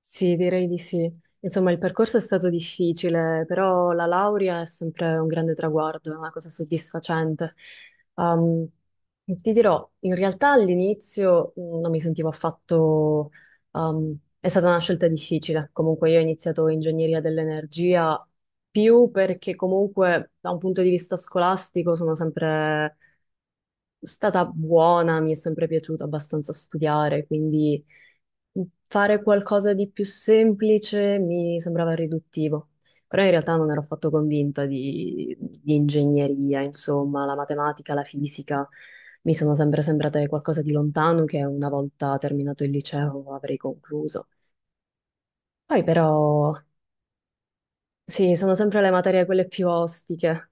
Sì, direi di sì. Insomma, il percorso è stato difficile, però la laurea è sempre un grande traguardo, è una cosa soddisfacente. Um, Ti dirò, in realtà all'inizio non mi sentivo affatto... è stata una scelta difficile. Comunque io ho iniziato ingegneria dell'energia più perché comunque da un punto di vista scolastico sono sempre stata buona, mi è sempre piaciuto abbastanza studiare, quindi fare qualcosa di più semplice mi sembrava riduttivo. Però in realtà non ero affatto convinta di ingegneria, insomma, la matematica, la fisica mi sono sempre sembrate qualcosa di lontano che una volta terminato il liceo avrei concluso. Poi però, sì, sono sempre le materie quelle più ostiche.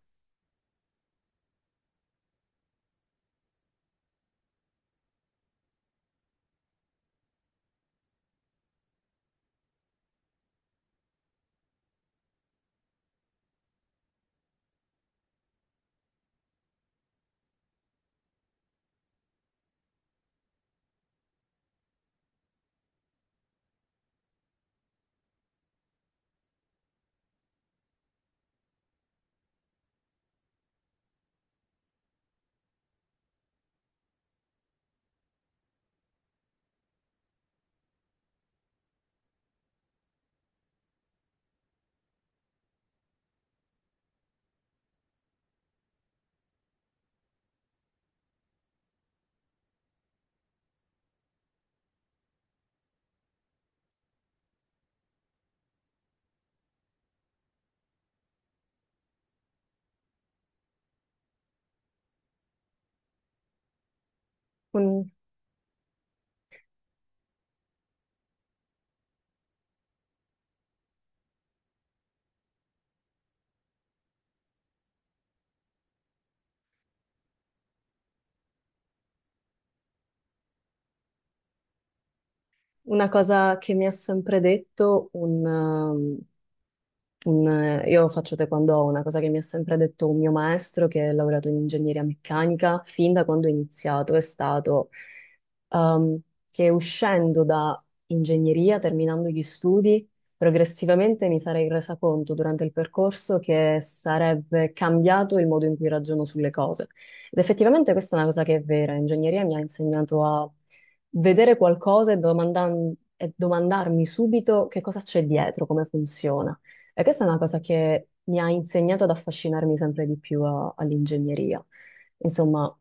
Un- una cosa che mi ha sempre detto io faccio taekwondo, una cosa che mi ha sempre detto un mio maestro che ha lavorato in ingegneria meccanica fin da quando ho iniziato è stato ehm, che uscendo da ingegneria, terminando gli studi, progressivamente mi sarei resa conto durante il percorso che sarebbe cambiato il modo in cui ragiono sulle cose. Ed effettivamente questa è una cosa che è vera. Ingegneria mi ha insegnato a vedere qualcosa e e domandarmi subito che cosa c'è dietro, come funziona. E questa è una cosa che mi ha insegnato ad affascinarmi sempre di più all'ingegneria. Insomma,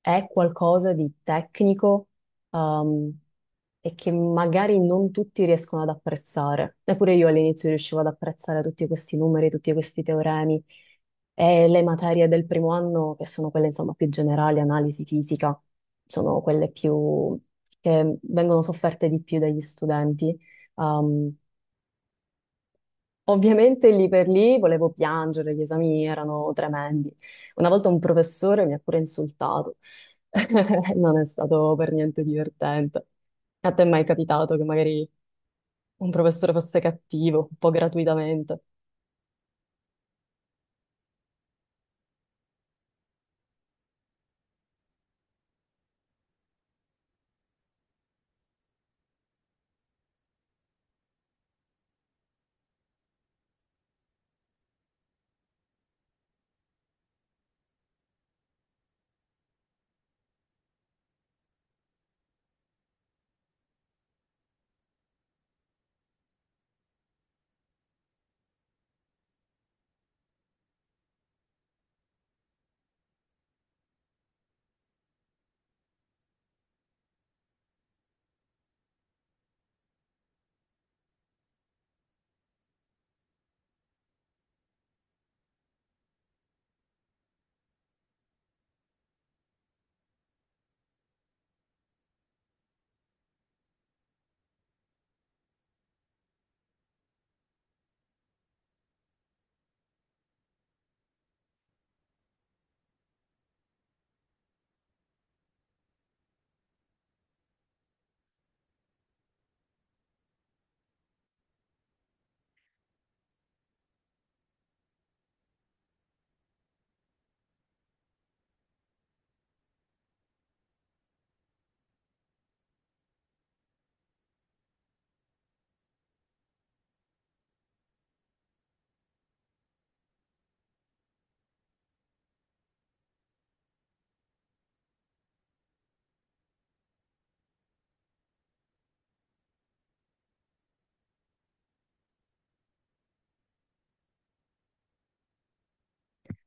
è qualcosa di tecnico, um, e che magari non tutti riescono ad apprezzare. Neppure io all'inizio riuscivo ad apprezzare tutti questi numeri, tutti questi teoremi e le materie del primo anno, che sono quelle, insomma, più generali, analisi fisica, sono quelle più che vengono sofferte di più dagli studenti. Um, Ovviamente lì per lì volevo piangere, gli esami erano tremendi. Una volta un professore mi ha pure insultato. Non è stato per niente divertente. A te è mai capitato che magari un professore fosse cattivo, un po' gratuitamente?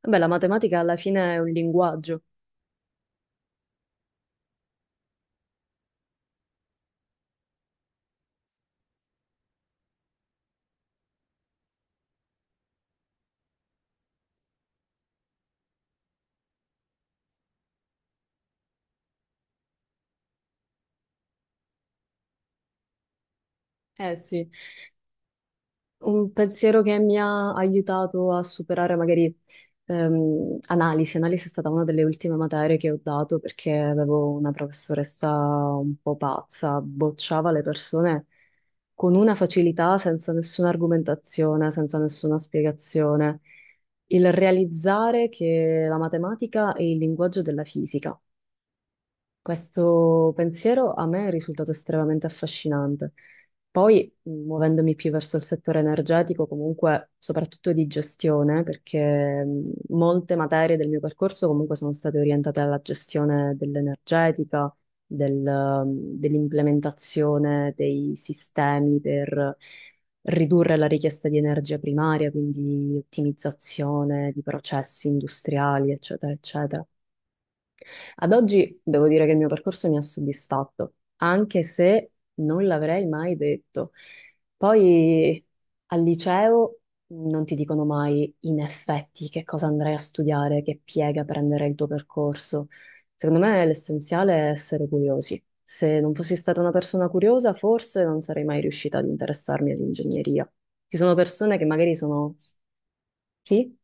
Vabbè, la matematica alla fine è un linguaggio. Eh sì. Un pensiero che mi ha aiutato a superare magari analisi. Analisi è stata una delle ultime materie che ho dato perché avevo una professoressa un po' pazza, bocciava le persone con una facilità senza nessuna argomentazione, senza nessuna spiegazione. Il realizzare che la matematica è il linguaggio della fisica. Questo pensiero a me è risultato estremamente affascinante. Poi, muovendomi più verso il settore energetico, comunque soprattutto di gestione, perché molte materie del mio percorso comunque sono state orientate alla gestione dell'energetica, del, mh, dell'implementazione dei sistemi per ridurre la richiesta di energia primaria, quindi ottimizzazione di processi industriali, eccetera, eccetera. Ad oggi devo dire che il mio percorso mi ha soddisfatto, anche se non l'avrei mai detto. Poi al liceo non ti dicono mai in effetti che cosa andrai a studiare, che piega prenderai il tuo percorso. Secondo me l'essenziale è essere curiosi. Se non fossi stata una persona curiosa, forse non sarei mai riuscita ad interessarmi all'ingegneria. Ci sono persone che magari sono... Sì?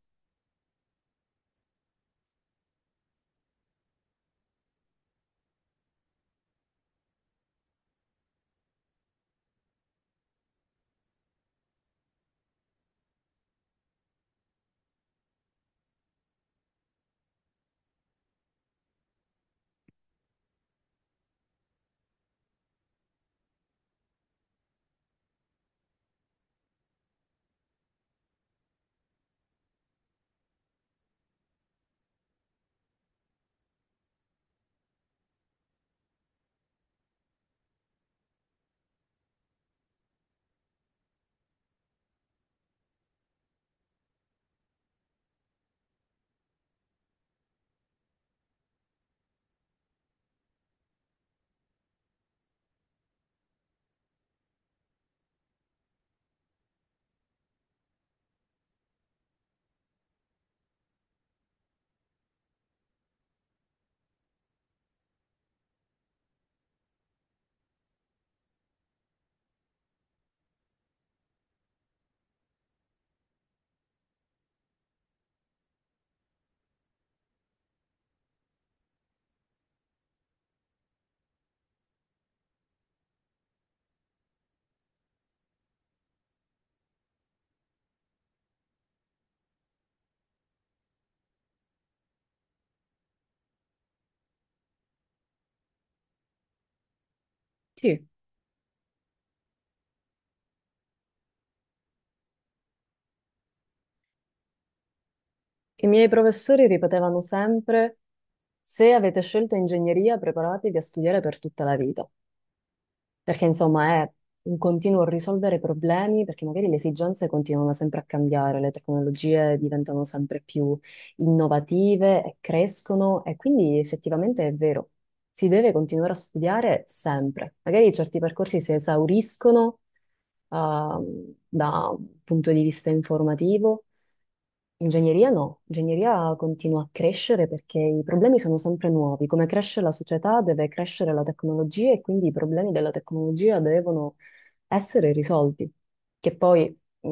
Sì. I miei professori ripetevano sempre... Se avete scelto ingegneria, preparatevi a studiare per tutta la vita, perché insomma è un continuo risolvere problemi, perché magari le esigenze continuano sempre a cambiare, le tecnologie diventano sempre più innovative e crescono e quindi effettivamente è vero, si deve continuare a studiare sempre. Magari certi percorsi si esauriscono, da un punto di vista informativo. Ingegneria no, ingegneria continua a crescere perché i problemi sono sempre nuovi. Come cresce la società, deve crescere la tecnologia e quindi i problemi della tecnologia devono essere risolti, che poi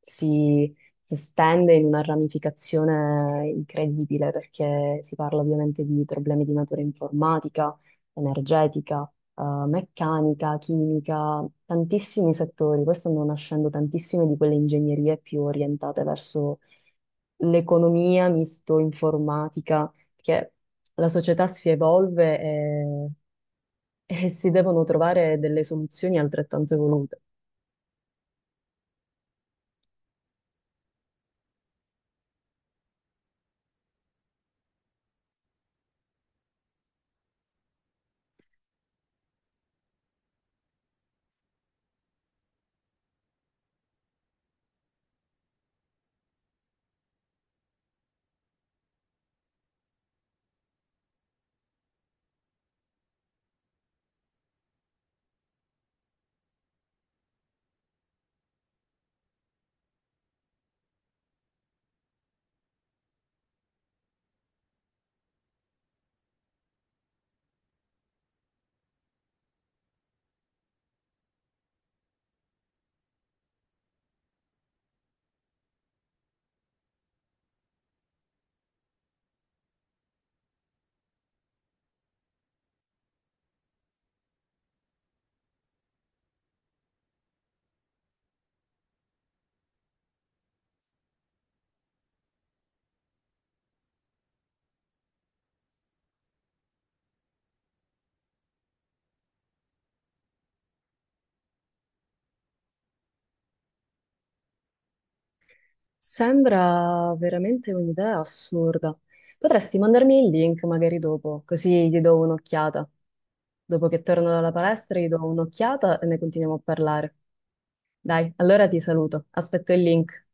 si, si estende in una ramificazione incredibile perché si parla ovviamente di problemi di natura informatica, energetica, eh, meccanica, chimica, tantissimi settori. Questo stanno nascendo tantissime di quelle ingegnerie più orientate verso l'economia misto informatica, perché la società si evolve e, e si devono trovare delle soluzioni altrettanto evolute. Sembra veramente un'idea assurda. Potresti mandarmi il link magari dopo, così gli do un'occhiata. Dopo che torno dalla palestra, gli do un'occhiata e ne continuiamo a parlare. Dai, allora ti saluto. Aspetto il link.